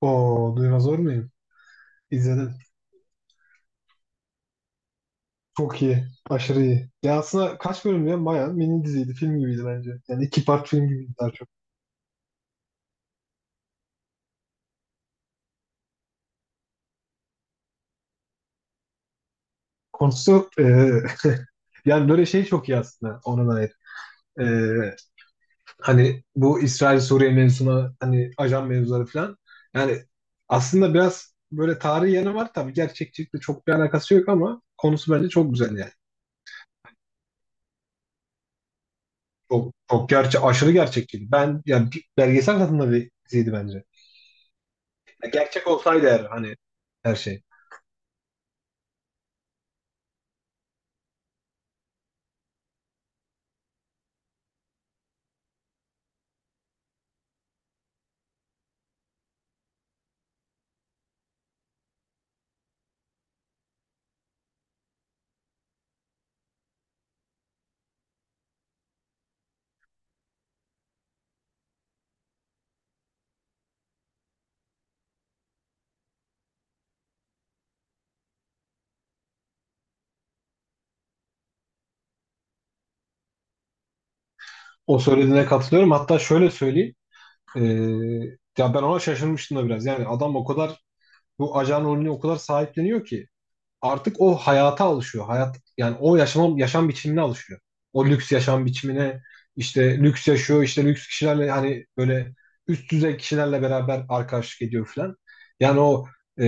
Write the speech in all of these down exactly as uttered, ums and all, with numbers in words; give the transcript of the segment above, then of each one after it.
Oo, duymaz olur muyum? İzledim. Çok iyi. Aşırı iyi. Ya aslında kaç bölüm ya? Bayağı mini diziydi. Film gibiydi bence. Yani iki part film gibiydi daha çok. Konusu e, yani böyle şey çok iyi aslında ona dair. E, Hani bu İsrail-Suriye mevzuna hani ajan mevzuları falan. Yani aslında biraz böyle tarihi yanı var. Tabii gerçekçilikle çok bir alakası yok ama konusu bence çok güzel yani. Çok, çok gerçe Aşırı gerçekçi. Ben yani bir belgesel tadında bir diziydi bence. Ya gerçek olsaydı eğer hani her şey. O söylediğine katılıyorum. Hatta şöyle söyleyeyim. Ee, Ya ben ona şaşırmıştım da biraz. Yani adam o kadar bu ajan rolünü o kadar sahipleniyor ki artık o hayata alışıyor. Hayat yani o yaşam yaşam biçimine alışıyor. O lüks yaşam biçimine işte lüks yaşıyor, işte lüks kişilerle hani böyle üst düzey kişilerle beraber arkadaşlık ediyor falan. Yani o e,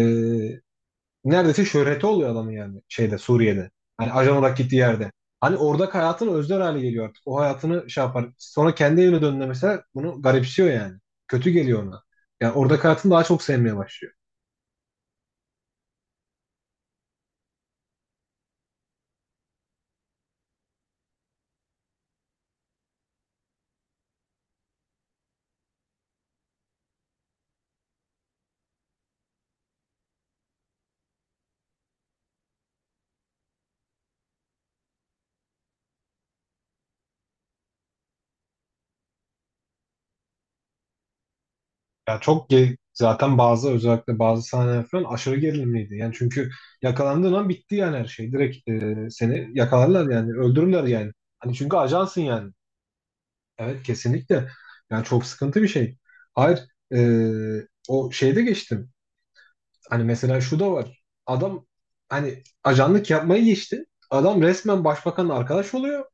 neredeyse şöhreti oluyor adamın yani şeyde Suriye'de. Hani ajan olarak gittiği yerde. Hani oradaki hayatını özler hale geliyor artık. O hayatını şey yapar. Sonra kendi evine döndüğünde mesela bunu garipsiyor yani. Kötü geliyor ona. Yani oradaki hayatını daha çok sevmeye başlıyor. Ya çok ge- zaten bazı özellikle bazı sahneler falan aşırı gerilimliydi. Yani çünkü yakalandığın an bitti yani her şey. Direkt e, seni yakalarlar yani öldürürler yani. Hani çünkü ajansın yani. Evet, kesinlikle. Yani çok sıkıntı bir şey. Hayır, e, o şeyde geçtim. Hani mesela şu da var. Adam hani ajanlık yapmayı geçti. Adam resmen başbakanla arkadaş oluyor.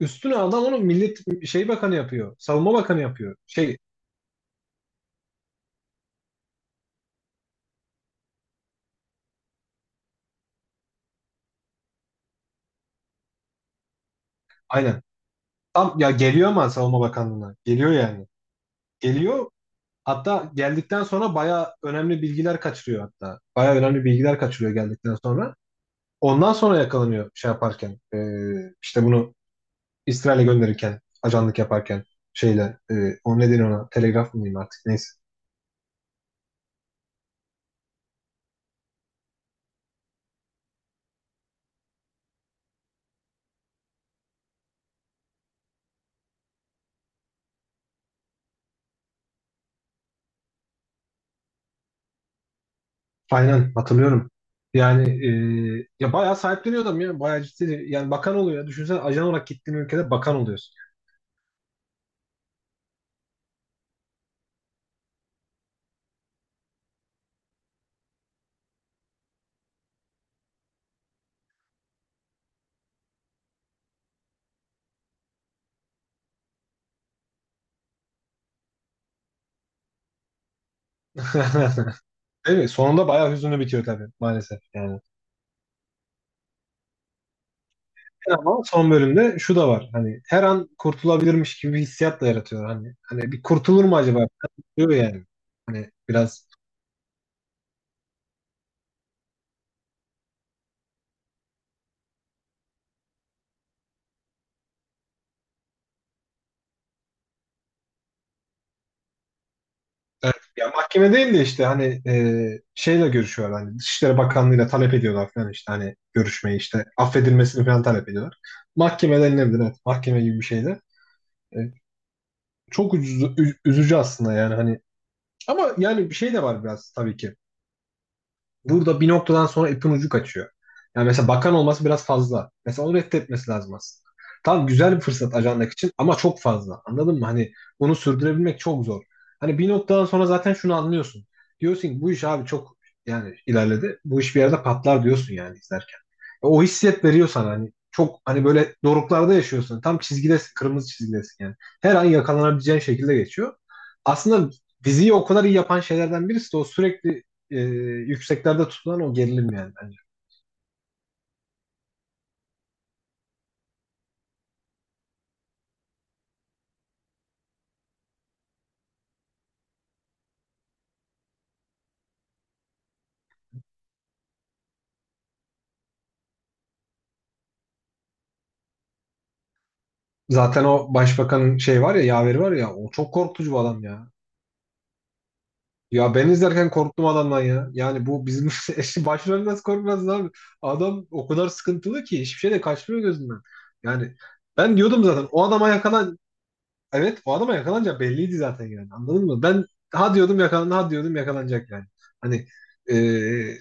Üstüne adam onu millet şey bakanı yapıyor. Savunma bakanı yapıyor. Şey, aynen. Tam ya geliyor ama savunma bakanlığına. Geliyor yani. Geliyor. Hatta geldikten sonra baya önemli bilgiler kaçırıyor hatta. Baya önemli bilgiler kaçırıyor geldikten sonra. Ondan sonra yakalanıyor şey yaparken. Ee, işte bunu İsrail'e gönderirken, ajanlık yaparken şeyle. E, o ne deniyor ona, telegraf mıyım artık neyse. Aynen hatırlıyorum. Yani e, ya bayağı sahipleniyor adam ya. Bayağı ciddi. Yani bakan oluyor ya. Düşünsene ajan olarak gittiğin ülkede bakan oluyorsun. Değil mi? Sonunda bayağı hüzünlü bitiyor tabii maalesef yani. Ama son bölümde şu da var. Hani her an kurtulabilirmiş gibi bir hissiyat da yaratıyor. Hani hani bir kurtulur mu acaba? Diyor yani. Hani biraz evet, ya mahkeme değil de işte hani e, şeyle görüşüyorlar, hani Dışişleri Bakanlığı'yla talep ediyorlar falan, işte hani görüşmeyi, işte affedilmesini falan talep ediyorlar. Mahkeme denilebilir, evet, mahkeme gibi bir şeyde. E, Çok üzücü, ü- üzücü aslında yani hani ama yani bir şey de var biraz tabii ki. Burada bir noktadan sonra ipin ucu kaçıyor. Yani mesela bakan olması biraz fazla. Mesela onu reddetmesi lazım aslında. Tamam, güzel bir fırsat ajandak için ama çok fazla. Anladın mı? Hani bunu sürdürebilmek çok zor. Hani bir noktadan sonra zaten şunu anlıyorsun. Diyorsun ki bu iş abi çok yani ilerledi. Bu iş bir yerde patlar diyorsun yani izlerken. E, O hissiyet veriyor sana hani. Çok hani böyle doruklarda yaşıyorsun. Tam çizgidesin, kırmızı çizgidesin yani. Her an yakalanabileceğin şekilde geçiyor. Aslında diziyi o kadar iyi yapan şeylerden birisi de o sürekli e, yükseklerde tutulan o gerilim yani bence. Zaten o başbakanın şey var ya, yaveri var ya, o çok korkutucu bir adam ya. Ya ben izlerken korktum adamdan ya. Yani bu bizim eşi başrol nasıl korkmaz abi. Adam o kadar sıkıntılı ki hiçbir şey de kaçmıyor gözünden. Yani ben diyordum zaten o adama yakalan, evet, o adama yakalanacak belliydi zaten yani, anladın mı? Ben ha diyordum yakalan, ha diyordum yakalanacak yani. Hani e,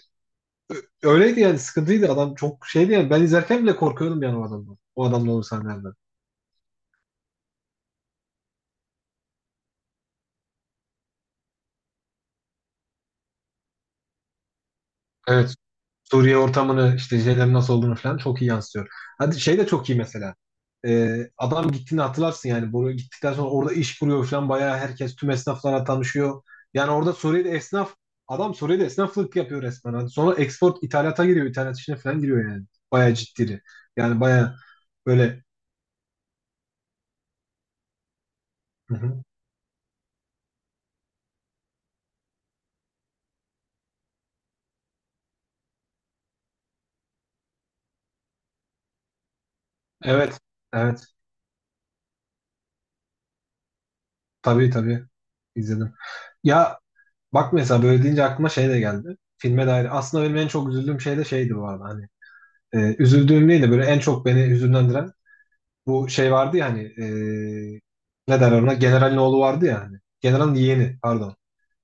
öyleydi yani, sıkıntıydı adam, çok şeydi yani, ben izlerken bile korkuyordum yani o adamdan. O adamla olan sahnelerden. Evet. Suriye ortamını, işte şeylerin nasıl olduğunu falan çok iyi yansıtıyor. Hadi şey de çok iyi mesela. Ee, adam gittiğini hatırlarsın yani. Buraya gittikten sonra orada iş kuruyor falan. Bayağı herkes, tüm esnaflara tanışıyor. Yani orada Suriye'de esnaf, adam Suriye'de esnaflık yapıyor resmen. Hadi sonra export ithalata giriyor. İthalat işine falan giriyor yani. Bayağı ciddi. Yani bayağı böyle hı hı, evet, evet, tabii, tabii, izledim. Ya bak, mesela böyle deyince aklıma şey de geldi. Filme dair. Aslında benim en çok üzüldüğüm şey de şeydi bu arada. Hani e, üzüldüğüm değil de böyle en çok beni hüzünlendiren bu şey vardı ya, hani e, ne derler ona, generalin oğlu vardı ya, hani generalin yeğeni pardon,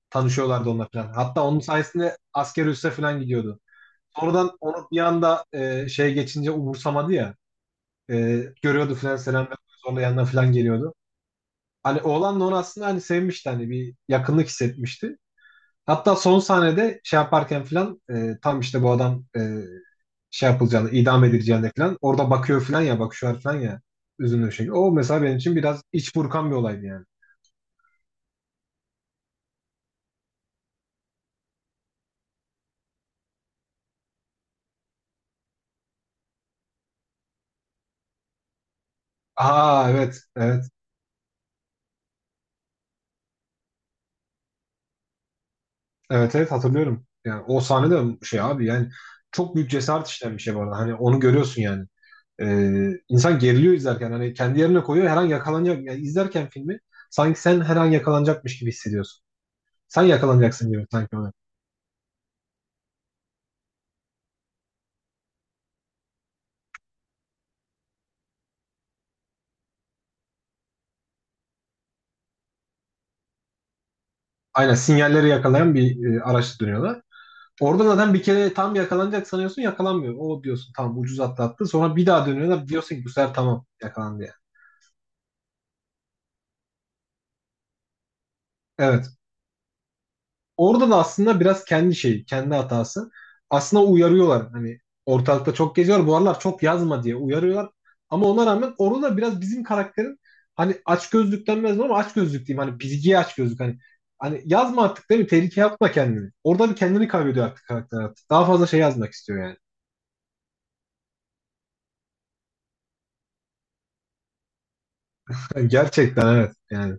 tanışıyorlardı onlar falan. Hatta onun sayesinde asker üsse falan gidiyordu. Sonradan onu bir anda e, şey geçince umursamadı ya, e, görüyordu falan, selam veriyordu, sonra yanına falan geliyordu. Hani oğlan da onu aslında hani sevmişti, hani bir yakınlık hissetmişti. Hatta son sahnede şey yaparken falan, e, tam işte bu adam, e, şey yapılacağını, idam edileceğini falan. Orada bakıyor falan ya, bak bakışıyor falan ya. Üzünlü bir şekilde. O mesela benim için biraz iç burkan bir olaydı yani. Aa evet, evet, evet, evet hatırlıyorum. Yani o sahne de şey abi yani çok büyük cesaret işleyen bir şey bu arada. Hani onu görüyorsun yani. Ee, insan geriliyor izlerken, hani kendi yerine koyuyor, her an yakalanacak. Yani izlerken filmi sanki sen her an yakalanacakmış gibi hissediyorsun. Sen yakalanacaksın gibi sanki ona. Aynen, sinyalleri yakalayan bir e, araçla dönüyorlar. Orada zaten bir kere tam yakalanacak sanıyorsun, yakalanmıyor. O diyorsun tamam, ucuz atlattı. Sonra bir daha dönüyorlar, diyorsun ki bu sefer tamam, yakalandı yani. Evet. Orada da aslında biraz kendi şeyi, kendi hatası. Aslında uyarıyorlar. Hani ortalıkta çok geziyor. Bu aralar çok yazma diye uyarıyorlar. Ama ona rağmen orada da biraz bizim karakterin, hani aç gözlük denmez mi, ama aç gözlük diyeyim. Hani bilgiye aç gözlük. Hani hani yazma artık değil mi? Tehlikeye atma kendini. Orada bir kendini kaybediyor artık karakter artık. Daha fazla şey yazmak istiyor yani. Gerçekten evet. Yani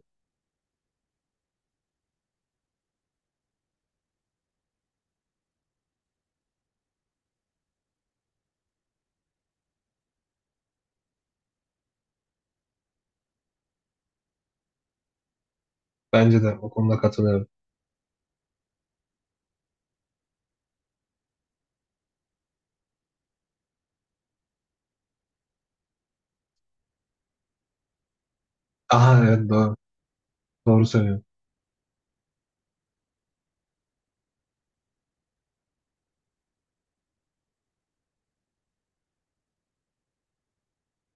bence de o konuda katılıyorum. Aha evet doğru. Doğru söylüyorsun.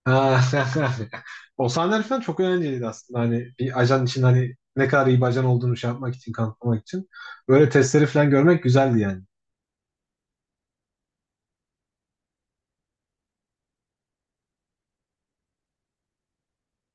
Ha, o sahneler falan çok eğlenceliydi aslında. Hani bir ajan için, hani ne kadar iyi bir ajan olduğunu şey yapmak için, kanıtlamak için. Böyle testleri falan görmek güzeldi yani.